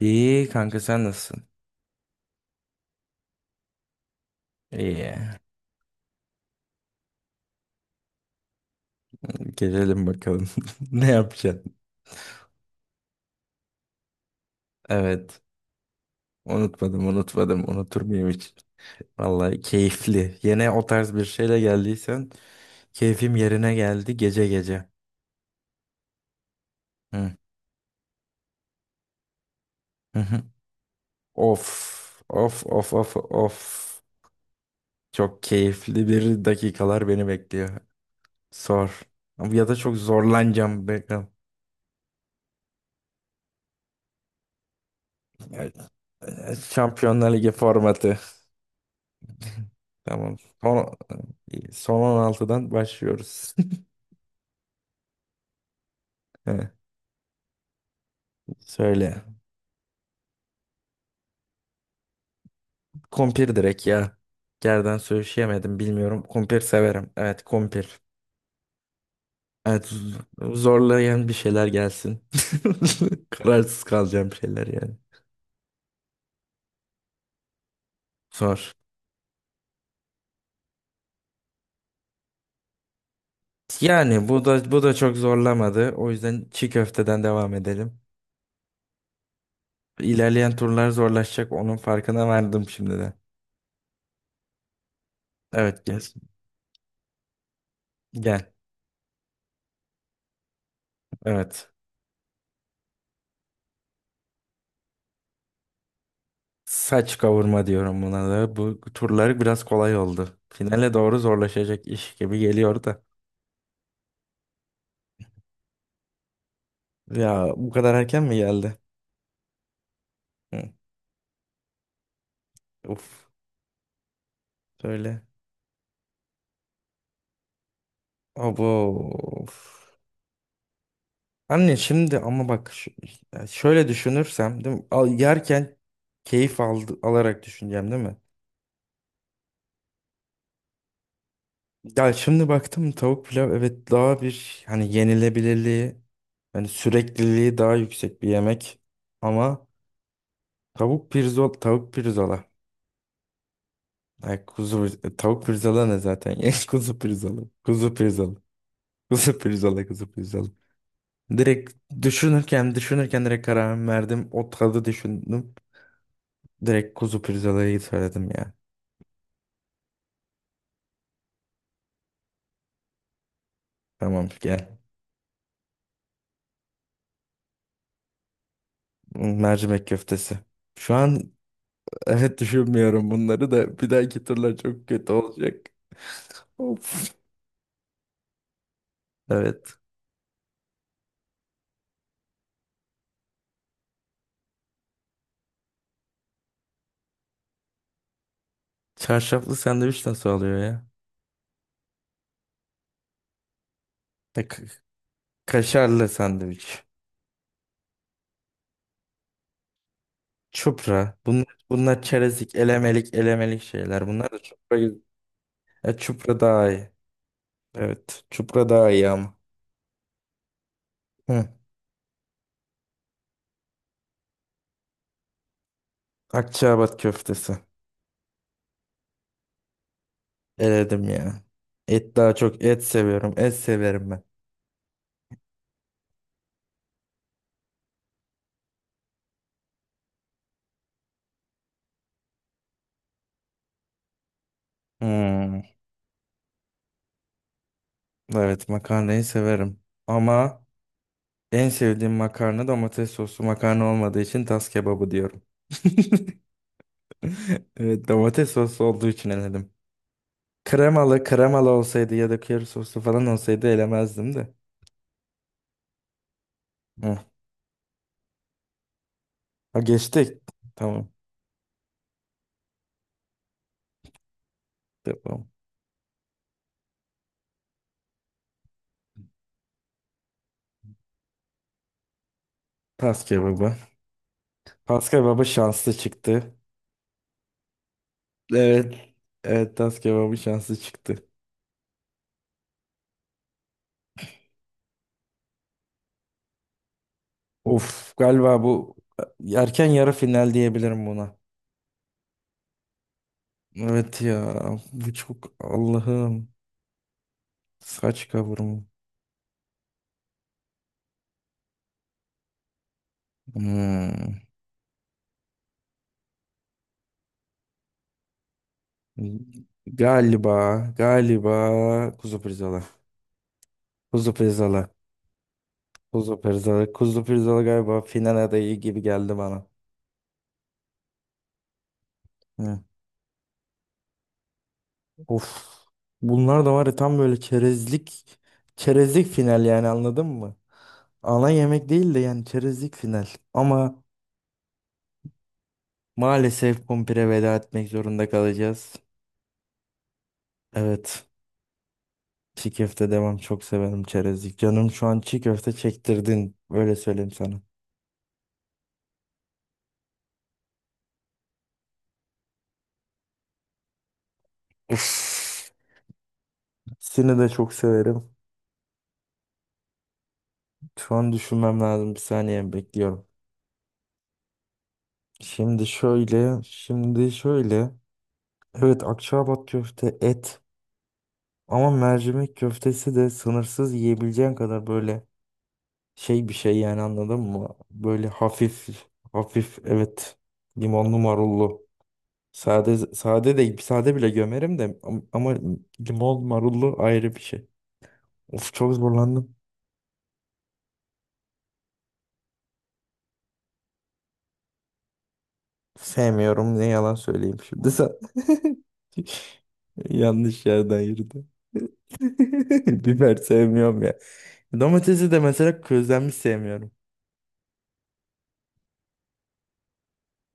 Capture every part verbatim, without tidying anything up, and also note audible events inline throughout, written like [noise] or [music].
İyi kanka sen nasılsın? İyi. Gelelim bakalım. [laughs] Ne yapacaksın? Evet. Unutmadım, unutmadım. Unutur muyum hiç? Vallahi keyifli. Yine o tarz bir şeyle geldiysen keyfim yerine geldi gece gece. Hı. Hı hı. Of, of, of, of, of. Çok keyifli bir dakikalar beni bekliyor. Sor. Ya da çok zorlanacağım. Bakalım. Şampiyonlar Ligi formatı. Tamam. Son, son on altıdan başlıyoruz. [laughs] He, söyle. Kumpir direkt ya. Gerden söyleyemedim bilmiyorum. Kumpir severim. Evet kumpir. Evet z- zorlayan bir şeyler gelsin. [laughs] Kararsız kalacağım şeyler yani. Sor. Yani bu da bu da çok zorlamadı. O yüzden çiğ köfteden devam edelim. İlerleyen turlar zorlaşacak. Onun farkına vardım şimdiden. Evet gel. Gel. Evet. Saç kavurma diyorum buna da. Bu turları biraz kolay oldu. Finale doğru zorlaşacak iş gibi geliyor da. Ya bu kadar erken mi geldi? Hı. Uf. Söyle. Abo. Of. Anne şimdi ama bak ş- ya şöyle düşünürsem değil mi? Al, yerken keyif aldı, alarak düşüneceğim değil mi? Ya şimdi baktım tavuk pilav evet daha bir hani yenilebilirliği hani sürekliliği daha yüksek bir yemek ama tavuk pirzola tavuk pirzola. Ay kuzu pir- tavuk pirzola ne zaten ya [laughs] kuzu pirzola kuzu pirzola kuzu pirzola kuzu pirzola direkt düşünürken düşünürken direkt kararımı verdim, o tadı düşündüm direkt kuzu pirzolayı söyledim ya. Tamam gel. Mercimek köftesi şu an. [laughs] Evet düşünmüyorum, bunları da bir dahaki turlar çok kötü olacak. [laughs] Of. Evet. Çarşaflı sandviç nasıl oluyor ya? E, Ka- kaşarlı sandviç. Çupra. Bunlar, bunlar çerezlik, elemelik, elemelik şeyler. Bunlar da çupra gibi- E, çupra daha iyi. Evet. Çupra daha iyi ama. Hı. Akçaabat köftesi. Eledim ya. Et daha çok, et seviyorum. Et severim ben. Hmm. Evet makarnayı severim. Ama en sevdiğim makarna domates soslu makarna olmadığı için tas kebabı diyorum. [laughs] Evet domates soslu olduğu için eledim. Kremalı kremalı olsaydı ya da köri soslu falan olsaydı elemezdim de. Ha geçtik. Tamam. Tamam. Tas kebabı. Tas kebabı şanslı çıktı. Evet. Evet tas kebabı şanslı çıktı. Of galiba bu e, erken yarı final diyebilirim buna. Evet ya bu çok Allah'ım, saç kavurma. Hmm. Galiba galiba kuzu pirzola. Kuzu pirzola. Kuzu pirzola. Kuzu pirzola galiba final adayı gibi geldi bana. Hı. Of. Bunlar da var ya tam böyle çerezlik çerezlik final yani, anladın mı? Ana yemek değil de yani çerezlik final. Ama maalesef kumpire veda etmek zorunda kalacağız. Evet. Çiğ köfte devam, çok severim çerezlik. Canım şu an çiğ köfte çektirdin. Öyle söyleyeyim sana. Uf. Seni de çok severim. Şu an düşünmem lazım. Bir saniye bekliyorum. Şimdi şöyle, şimdi şöyle. Evet, Akçaabat köfte et. Ama mercimek köftesi de sınırsız yiyebileceğin kadar böyle şey bir şey yani, anladın mı? Böyle hafif hafif, evet limonlu marullu. Sade sade de sade bile gömerim de am- ama limon marullu ayrı bir şey. Of çok zorlandım. Sevmiyorum ne yalan söyleyeyim şimdi sen. [laughs] Yanlış yerden yürüdü. [laughs] Biber sevmiyorum ya. Domatesi de mesela közlenmiş sevmiyorum.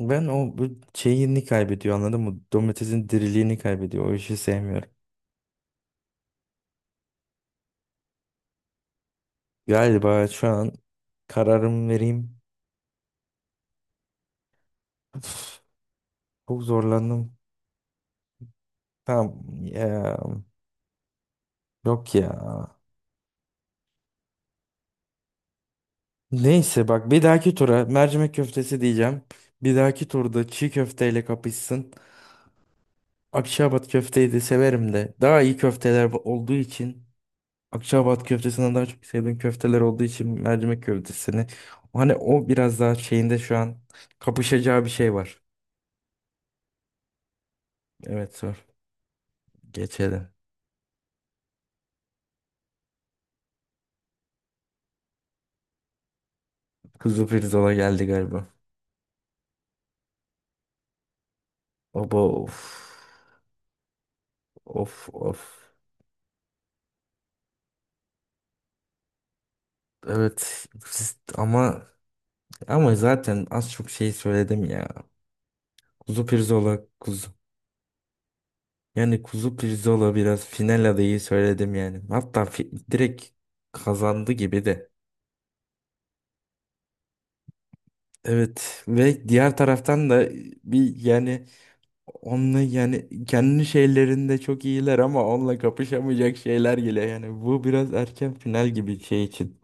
Ben o bu şeyini kaybediyor anladın mı? Domatesin diriliğini kaybediyor. O işi sevmiyorum. Galiba şu an kararımı vereyim. Üf, çok zorlandım. Tamam ya. Yok ya. Neyse bak bir dahaki tura mercimek köftesi diyeceğim. Bir dahaki turda çiğ köfteyle kapışsın. Akşabat köfteyi de severim de. Daha iyi köfteler olduğu için, Akçaabat köftesinden daha çok sevdiğim köfteler olduğu için mercimek köftesini. Hani o biraz daha şeyinde şu an kapışacağı bir şey var. Evet sor. Geçelim. Kuzu pirzola geldi galiba. Baba of. Of of. Evet siz- ama ama zaten az çok şey söyledim ya. Kuzu pirzola kuzu. Yani kuzu pirzola biraz final adayı söyledim yani. Hatta fi- direkt kazandı gibi de. Evet ve diğer taraftan da bir yani onunla yani kendi şeylerinde çok iyiler ama onunla kapışamayacak şeyler geliyor. Yani bu biraz erken final gibi şey için.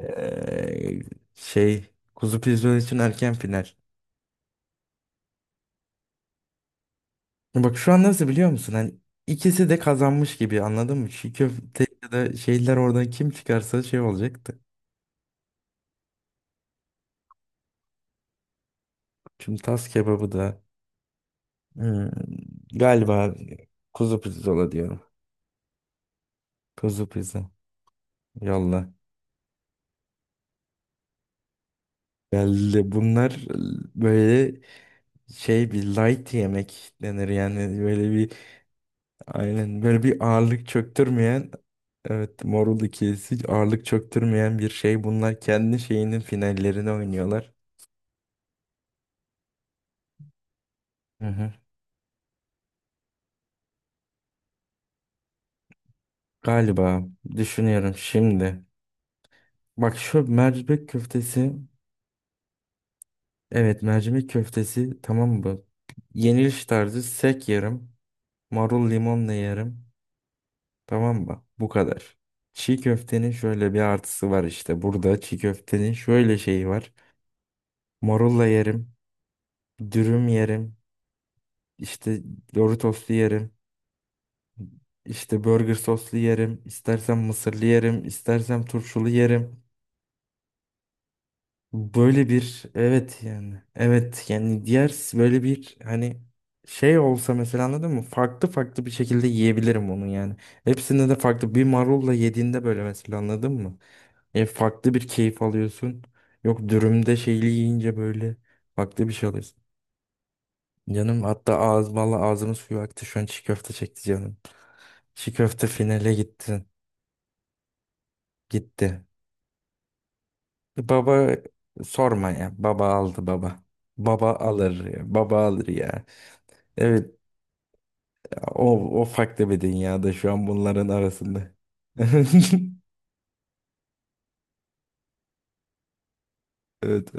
Ee, şey Kuzu pizyon için erken final. Bak şu an nasıl biliyor musun? Hani ikisi de kazanmış gibi, anladın mı? Çiğ köfte ya da şeyler, oradan kim çıkarsa şey olacaktı. Şimdi tas kebabı da hmm, galiba kuzu pirzola diyorum. Kuzu pizza. Yolla. Geldi. Bunlar böyle şey, bir light yemek denir yani, böyle bir aynen böyle bir ağırlık çöktürmeyen, evet Morul ikilisi ağırlık çöktürmeyen bir şey, bunlar kendi şeyinin finallerini oynuyorlar. Hı hı. Galiba düşünüyorum şimdi. Bak şu mercimek köftesi, evet mercimek köftesi tamam mı? Yeniliş tarzı sek yerim. Marul limonla yerim. Tamam mı? Bu kadar. Çiğ köftenin şöyle bir artısı var işte. Burada çiğ köftenin şöyle şeyi var. Morulla yerim. Dürüm yerim. İşte Doritoslu yerim. İşte burger soslu yerim. İstersem mısırlı yerim. İstersem turşulu yerim. Böyle bir evet yani. Evet yani diğer s- böyle bir hani şey olsa mesela, anladın mı? Farklı farklı bir şekilde yiyebilirim onu yani. Hepsinde de farklı. Bir marulla yediğinde böyle mesela, anladın mı? E, farklı bir keyif alıyorsun. Yok dürümde şeyli yiyince böyle farklı bir şey alıyorsun. Canım hatta ağız, valla ağzımın suyu aktı şu an, çiğ köfte çekti canım. Çiğ köfte finale gitti. Gitti. Baba sorma ya. Baba aldı baba. Baba alır ya. Baba alır ya. Evet o, o farklı bir dünyada şu an bunların arasında. [laughs] Evet,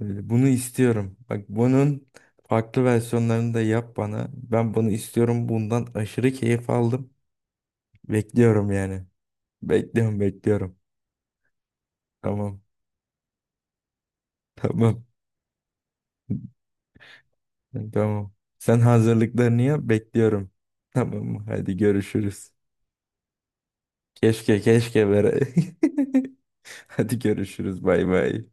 öyle. Bunu istiyorum. Bak bunun farklı versiyonlarını da yap bana. Ben bunu istiyorum. Bundan aşırı keyif aldım. Bekliyorum yani. Bekliyorum bekliyorum. Tamam. [laughs] Tamam. Tamam. Sen hazırlıklarını yap, bekliyorum. Tamam mı? Hadi görüşürüz. Keşke keşke bere. [laughs] Hadi görüşürüz. Bay bay.